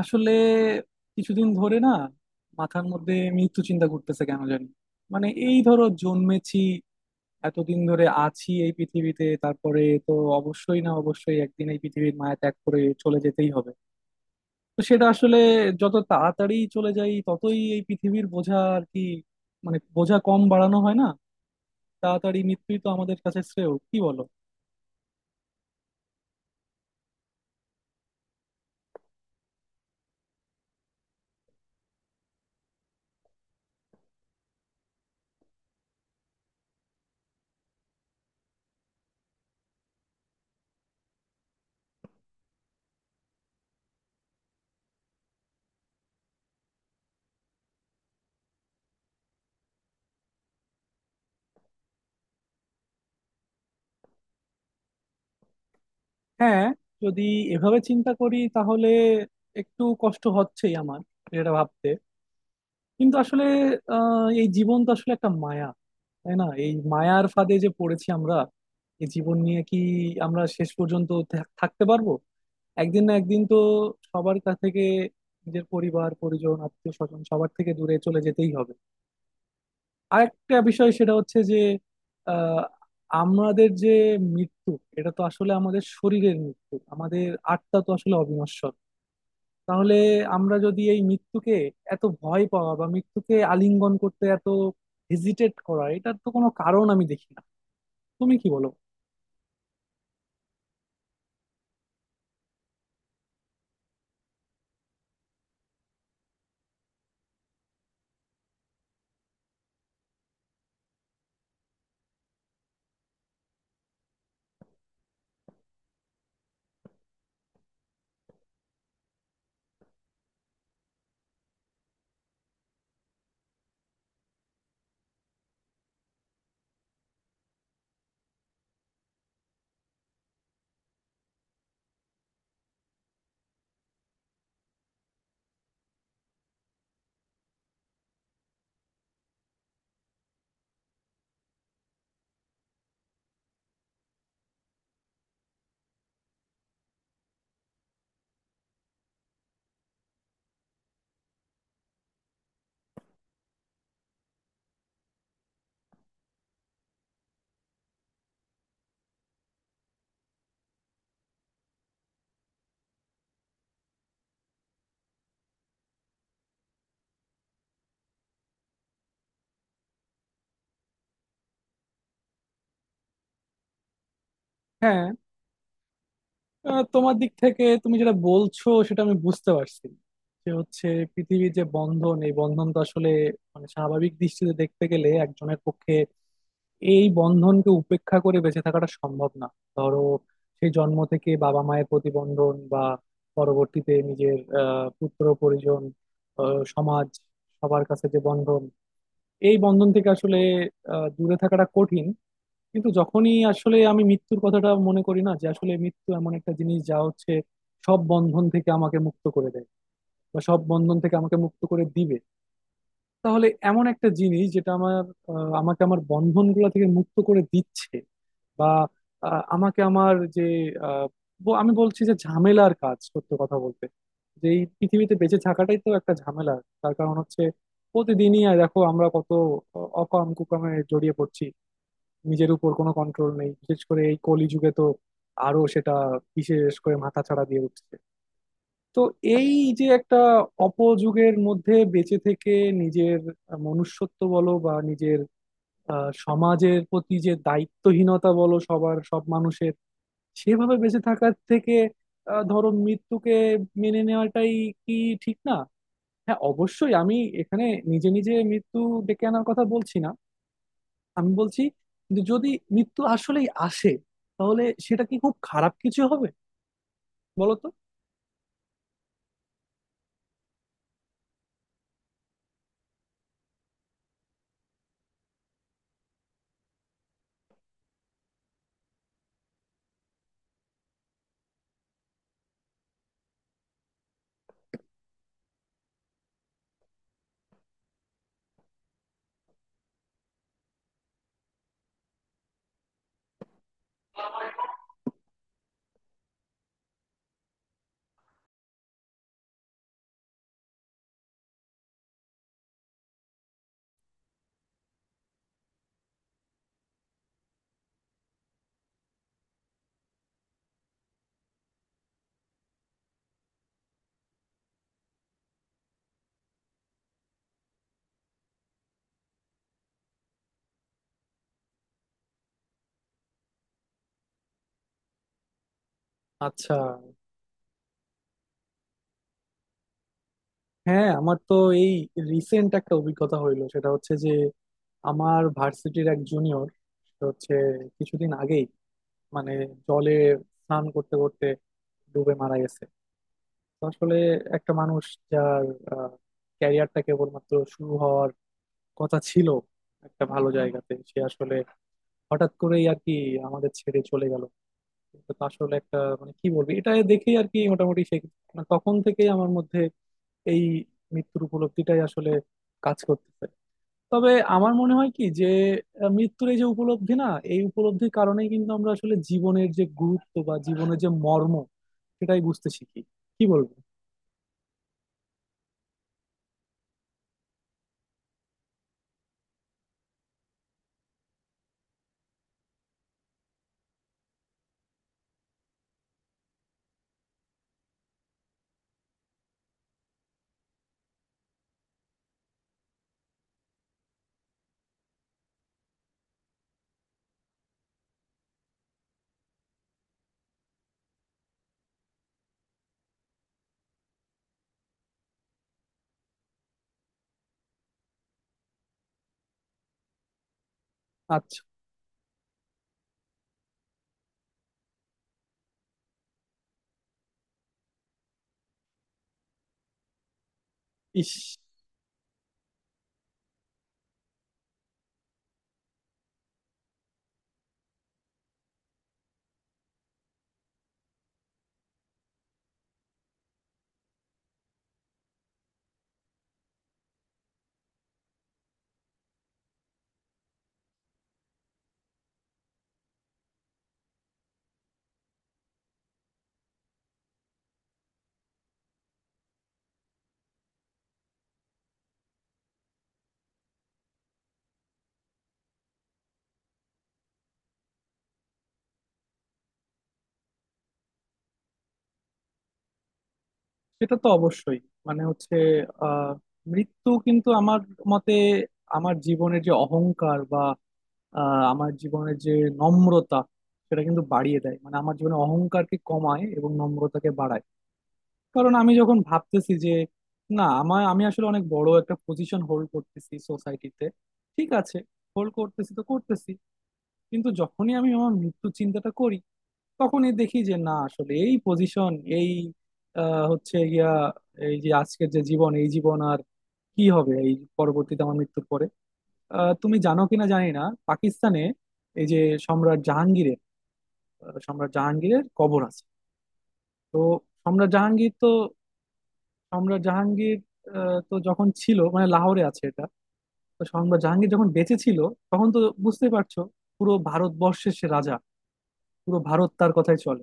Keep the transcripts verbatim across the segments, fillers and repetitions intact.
আসলে কিছুদিন ধরে না, মাথার মধ্যে মৃত্যু চিন্তা ঘুরতেছে কেন জানি। মানে এই ধরো, জন্মেছি, এতদিন ধরে আছি এই পৃথিবীতে, তারপরে তো অবশ্যই না, অবশ্যই একদিন এই পৃথিবীর মায়া ত্যাগ করে চলে যেতেই হবে। তো সেটা আসলে, যত তাড়াতাড়ি চলে যাই ততই এই পৃথিবীর বোঝা আর কি, মানে বোঝা কম বাড়ানো হয় না। তাড়াতাড়ি মৃত্যুই তো আমাদের কাছে শ্রেয়, কি বলো? হ্যাঁ, যদি এভাবে চিন্তা করি তাহলে একটু কষ্ট হচ্ছেই আমার এটা ভাবতে, কিন্তু আসলে আহ, এই জীবন তো আসলে একটা মায়া, তাই না? এই মায়ার ফাঁদে যে পড়েছি আমরা, এই জীবন নিয়ে কি আমরা শেষ পর্যন্ত থা- থাকতে পারবো? একদিন না একদিন তো সবার কাছ থেকে, নিজের পরিবার পরিজন আত্মীয় স্বজন সবার থেকে দূরে চলে যেতেই হবে। আর একটা বিষয় সেটা হচ্ছে যে, আহ আমাদের যে মৃত্যু, এটা তো আসলে আমাদের শরীরের মৃত্যু, আমাদের আত্মা তো আসলে অবিনশ্বর। তাহলে আমরা যদি এই মৃত্যুকে এত ভয় পাওয়া বা মৃত্যুকে আলিঙ্গন করতে এত হেজিটেট করা, এটার তো কোনো কারণ আমি দেখি না। তুমি কি বলো? হ্যাঁ, আহ, তোমার দিক থেকে তুমি যেটা বলছো সেটা আমি বুঝতে পারছি। যে হচ্ছে পৃথিবীর যে বন্ধন, এই বন্ধন তো আসলে, মানে স্বাভাবিক দৃষ্টিতে দেখতে গেলে একজনের পক্ষে এই বন্ধনকে উপেক্ষা করে বেঁচে থাকাটা সম্ভব না। ধরো সেই জন্ম থেকে বাবা মায়ের প্রতিবন্ধন, বা পরবর্তীতে নিজের আহ, পুত্র পরিজন, আহ, সমাজ, সবার কাছে যে বন্ধন, এই বন্ধন থেকে আসলে আহ, দূরে থাকাটা কঠিন। কিন্তু যখনই আসলে আমি মৃত্যুর কথাটা মনে করি না, যে আসলে মৃত্যু এমন একটা জিনিস যা হচ্ছে সব বন্ধন থেকে আমাকে মুক্ত করে দেয়, বা সব বন্ধন থেকে আমাকে মুক্ত করে দিবে, তাহলে এমন একটা জিনিস যেটা আমার আহ, আমাকে আমার বন্ধনগুলো থেকে মুক্ত করে দিচ্ছে, বা আহ, আমাকে আমার যে আহ, ব- আমি বলছি যে ঝামেলার কাজ, সত্য কথা বলতে যে এই পৃথিবীতে বেঁচে থাকাটাই তো একটা ঝামেলা। তার কারণ হচ্ছে, প্রতিদিনই আর দেখো আমরা কত অ- অকাম কুকামে জড়িয়ে পড়ছি, নিজের উপর কোনো কন্ট্রোল নেই। বিশেষ করে এই কলিযুগে তো আরো সেটা বিশেষ করে মাথা ছাড়া দিয়ে উঠছে। তো এই যে একটা অপযুগের মধ্যে বেঁচে থেকে নিজের মনুষ্যত্ব বলো, বা নিজের আহ, সমাজের প্রতি যে দায়িত্বহীনতা বলো সবার সব মানুষের, সেভাবে বেঁচে থাকার থেকে আহ, ধরো মৃত্যুকে মেনে নেওয়াটাই কি ঠিক না? হ্যাঁ, অবশ্যই আমি এখানে নিজে নিজে মৃত্যু ডেকে আনার কথা বলছি না। আমি বলছি যে যদি মৃত্যু আসলেই আসে, তাহলে সেটা কি খুব খারাপ কিছু হবে? বলো তো। আচ্ছা। হ্যাঁ, আমার তো এই রিসেন্ট একটা অভিজ্ঞতা হইলো, সেটা হচ্ছে যে আমার ভার্সিটির এক জুনিয়র হচ্ছে কিছুদিন আগেই মানে জলে স্নান করতে করতে ডুবে মারা গেছে। তো আসলে একটা মানুষ যার ক্যারিয়ারটা কেবলমাত্র শুরু হওয়ার কথা ছিল একটা ভালো জায়গাতে, সে আসলে হঠাৎ করেই আর কি আমাদের ছেড়ে চলে গেল। তো আসলে একটা, মানে কি বলবি, এটা দেখেই আর কি মোটামুটি সে, মানে তখন থেকেই আমার মধ্যে এই মৃত্যুর উপলব্ধিটাই আসলে কাজ করতেছে। তবে আমার মনে হয় কি যে আহ, মৃত্যুর এই যে উপলব্ধি না, এই উপলব্ধির কারণেই কিন্তু আমরা আসলে জীবনের যে গুরুত্ব বা জীবনের যে মর্ম সেটাই বুঝতে শিখি, কি বলবো। আচ্ছা। ইস। সেটা তো অবশ্যই, মানে হচ্ছে আহ মৃত্যু কিন্তু আমার মতে আমার জীবনের যে অহংকার বা আহ, আমার জীবনের যে নম্রতা, সেটা কিন্তু বাড়িয়ে দেয়, মানে আমার জীবনে অহংকারকে কমায় এবং নম্রতাকে বাড়ায়। কারণ আমি যখন ভাবতেছি যে না, আমার, আমি আসলে অনেক বড় একটা পজিশন হোল্ড করতেছি সোসাইটিতে, ঠিক আছে, হোল্ড করতেছি তো করতেছি, কিন্তু যখনই আমি আমার মৃত্যু চিন্তাটা করি তখনই দেখি যে না, আসলে এই পজিশন, এই আহ, হচ্ছে গিয়া এই যে আজকের যে জীবন, এই জীবন আর কি হবে এই পরবর্তীতে আমার মৃত্যুর পরে। আহ, তুমি জানো কিনা জানি না, পাকিস্তানে এই যে সম্রাট জাহাঙ্গীরের আহ, সম্রাট জাহাঙ্গীরের কবর আছে। তো সম্রাট জাহাঙ্গীর তো আমরা, জাহাঙ্গীর আহ, তো যখন ছিল, মানে লাহোরে আছে এটা। তো সে- আমরা জাহাঙ্গীর যখন বেঁচে ছিল তখন তো বুঝতেই পারছো, পুরো ভারতবর্ষের সে রাজা, পুরো ভারত তার কথাই চলে।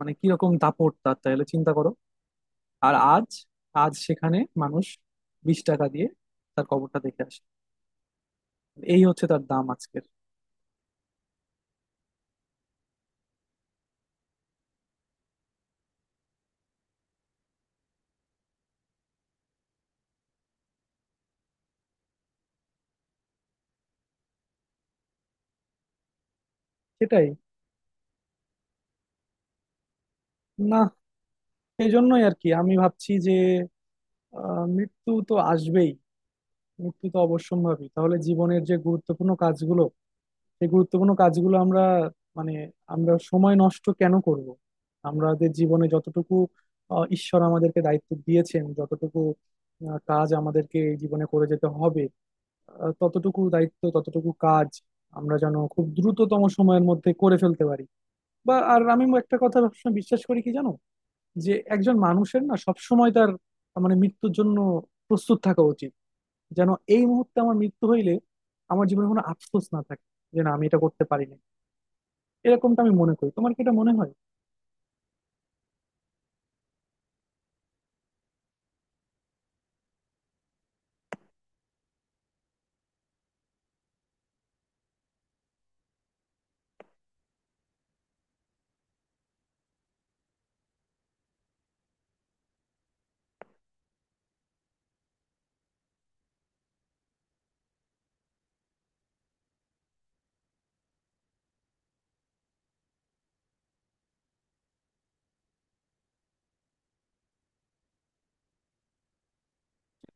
মানে কিরকম দাপট তার, তাহলে চিন্তা করো। আর আজ, আজ সেখানে মানুষ বিশ টাকা দিয়ে তার কবরটা দেখে আসে। এই হচ্ছে তার দাম আজকের। সেটাই। না, এই জন্যই আর কি আমি ভাবছি যে আহ, মৃত্যু তো আসবেই, মৃত্যু তো অবশ্যম্ভাবী। তাহলে জীবনের যে গুরুত্বপূর্ণ কাজগুলো, এই গুরুত্বপূর্ণ কাজগুলো আমরা মানে, আমরা সময় নষ্ট কেন করব? আমাদের জীবনে যতটুকু আহ, ঈশ্বর আমাদেরকে দায়িত্ব দিয়েছেন, যতটুকু আহ, কাজ আমাদেরকে এই জীবনে করে যেতে হবে, আহ, ততটুকু দায়িত্ব, ততটুকু কাজ আমরা যেন খুব দ্রুততম সময়ের মধ্যে করে ফেলতে পারি। বা, আর আমি একটা কথা সবসময় বিশ্বাস করি কি জানো, যে একজন মানুষের না সবসময় তার, মানে, মৃত্যুর জন্য প্রস্তুত থাকা উচিত, যেন এই মুহূর্তে আমার মৃত্যু হইলে আমার জীবনে কোনো আফসোস না থাকে, যে না, আমি এটা করতে পারি নাই। এরকমটা আমি মনে করি, তোমার কি এটা মনে হয়?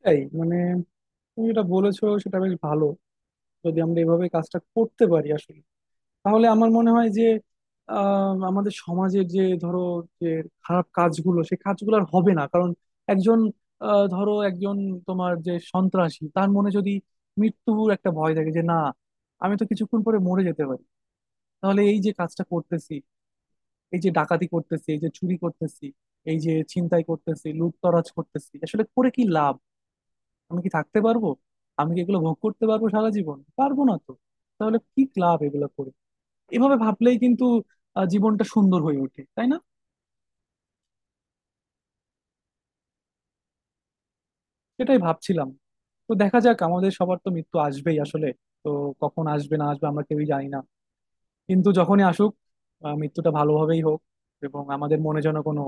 তাই, মানে তুমি যেটা বলেছো সেটা বেশ ভালো। যদি আমরা এভাবে কাজটা করতে পারি আসলে, তাহলে আমার মনে হয় যে আহ, আমাদের সমাজের যে, ধরো, যে খারাপ কাজগুলো সেই কাজগুলো আর হবে না। কারণ একজন, আহ, ধরো একজন তোমার যে সন্ত্রাসী, তার মনে যদি মৃত্যুর একটা ভয় থাকে যে না, আমি তো কিছুক্ষণ পরে মরে যেতে পারি, তাহলে এই যে কাজটা করতেছি, এই যে ডাকাতি করতেছি, এই যে চুরি করতেছি, এই যে ছিনতাই করতেছি, লুটতরাজ করতেছি, আসলে করে কি লাভ? আমি কি থাকতে পারবো? আমি কি এগুলো ভোগ করতে পারবো? সারা জীবন পারবো না তো। তাহলে কি লাভ এগুলো করে? এভাবে ভাবলেই কিন্তু আহ, জীবনটা সুন্দর হয়ে ওঠে, তাই না? সেটাই ভাবছিলাম। তো দেখা যাক, আমাদের সবার তো মৃত্যু আসবেই আসলে। তো কখন আসবে না আসবে আমরা কেউই জানি না, কিন্তু যখনই আসুক আহ, মৃত্যুটা ভালোভাবেই হোক, এবং আমাদের মনে যেন কোনো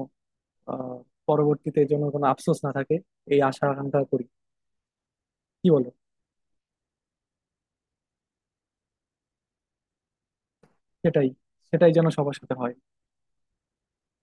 আহ পরবর্তীতে যেন কোনো আফসোস না থাকে, এই আশা আকাঙ্ক্ষা করি। কি বলো? সেটাই। সেটাই যেন সবার সাথে হয়।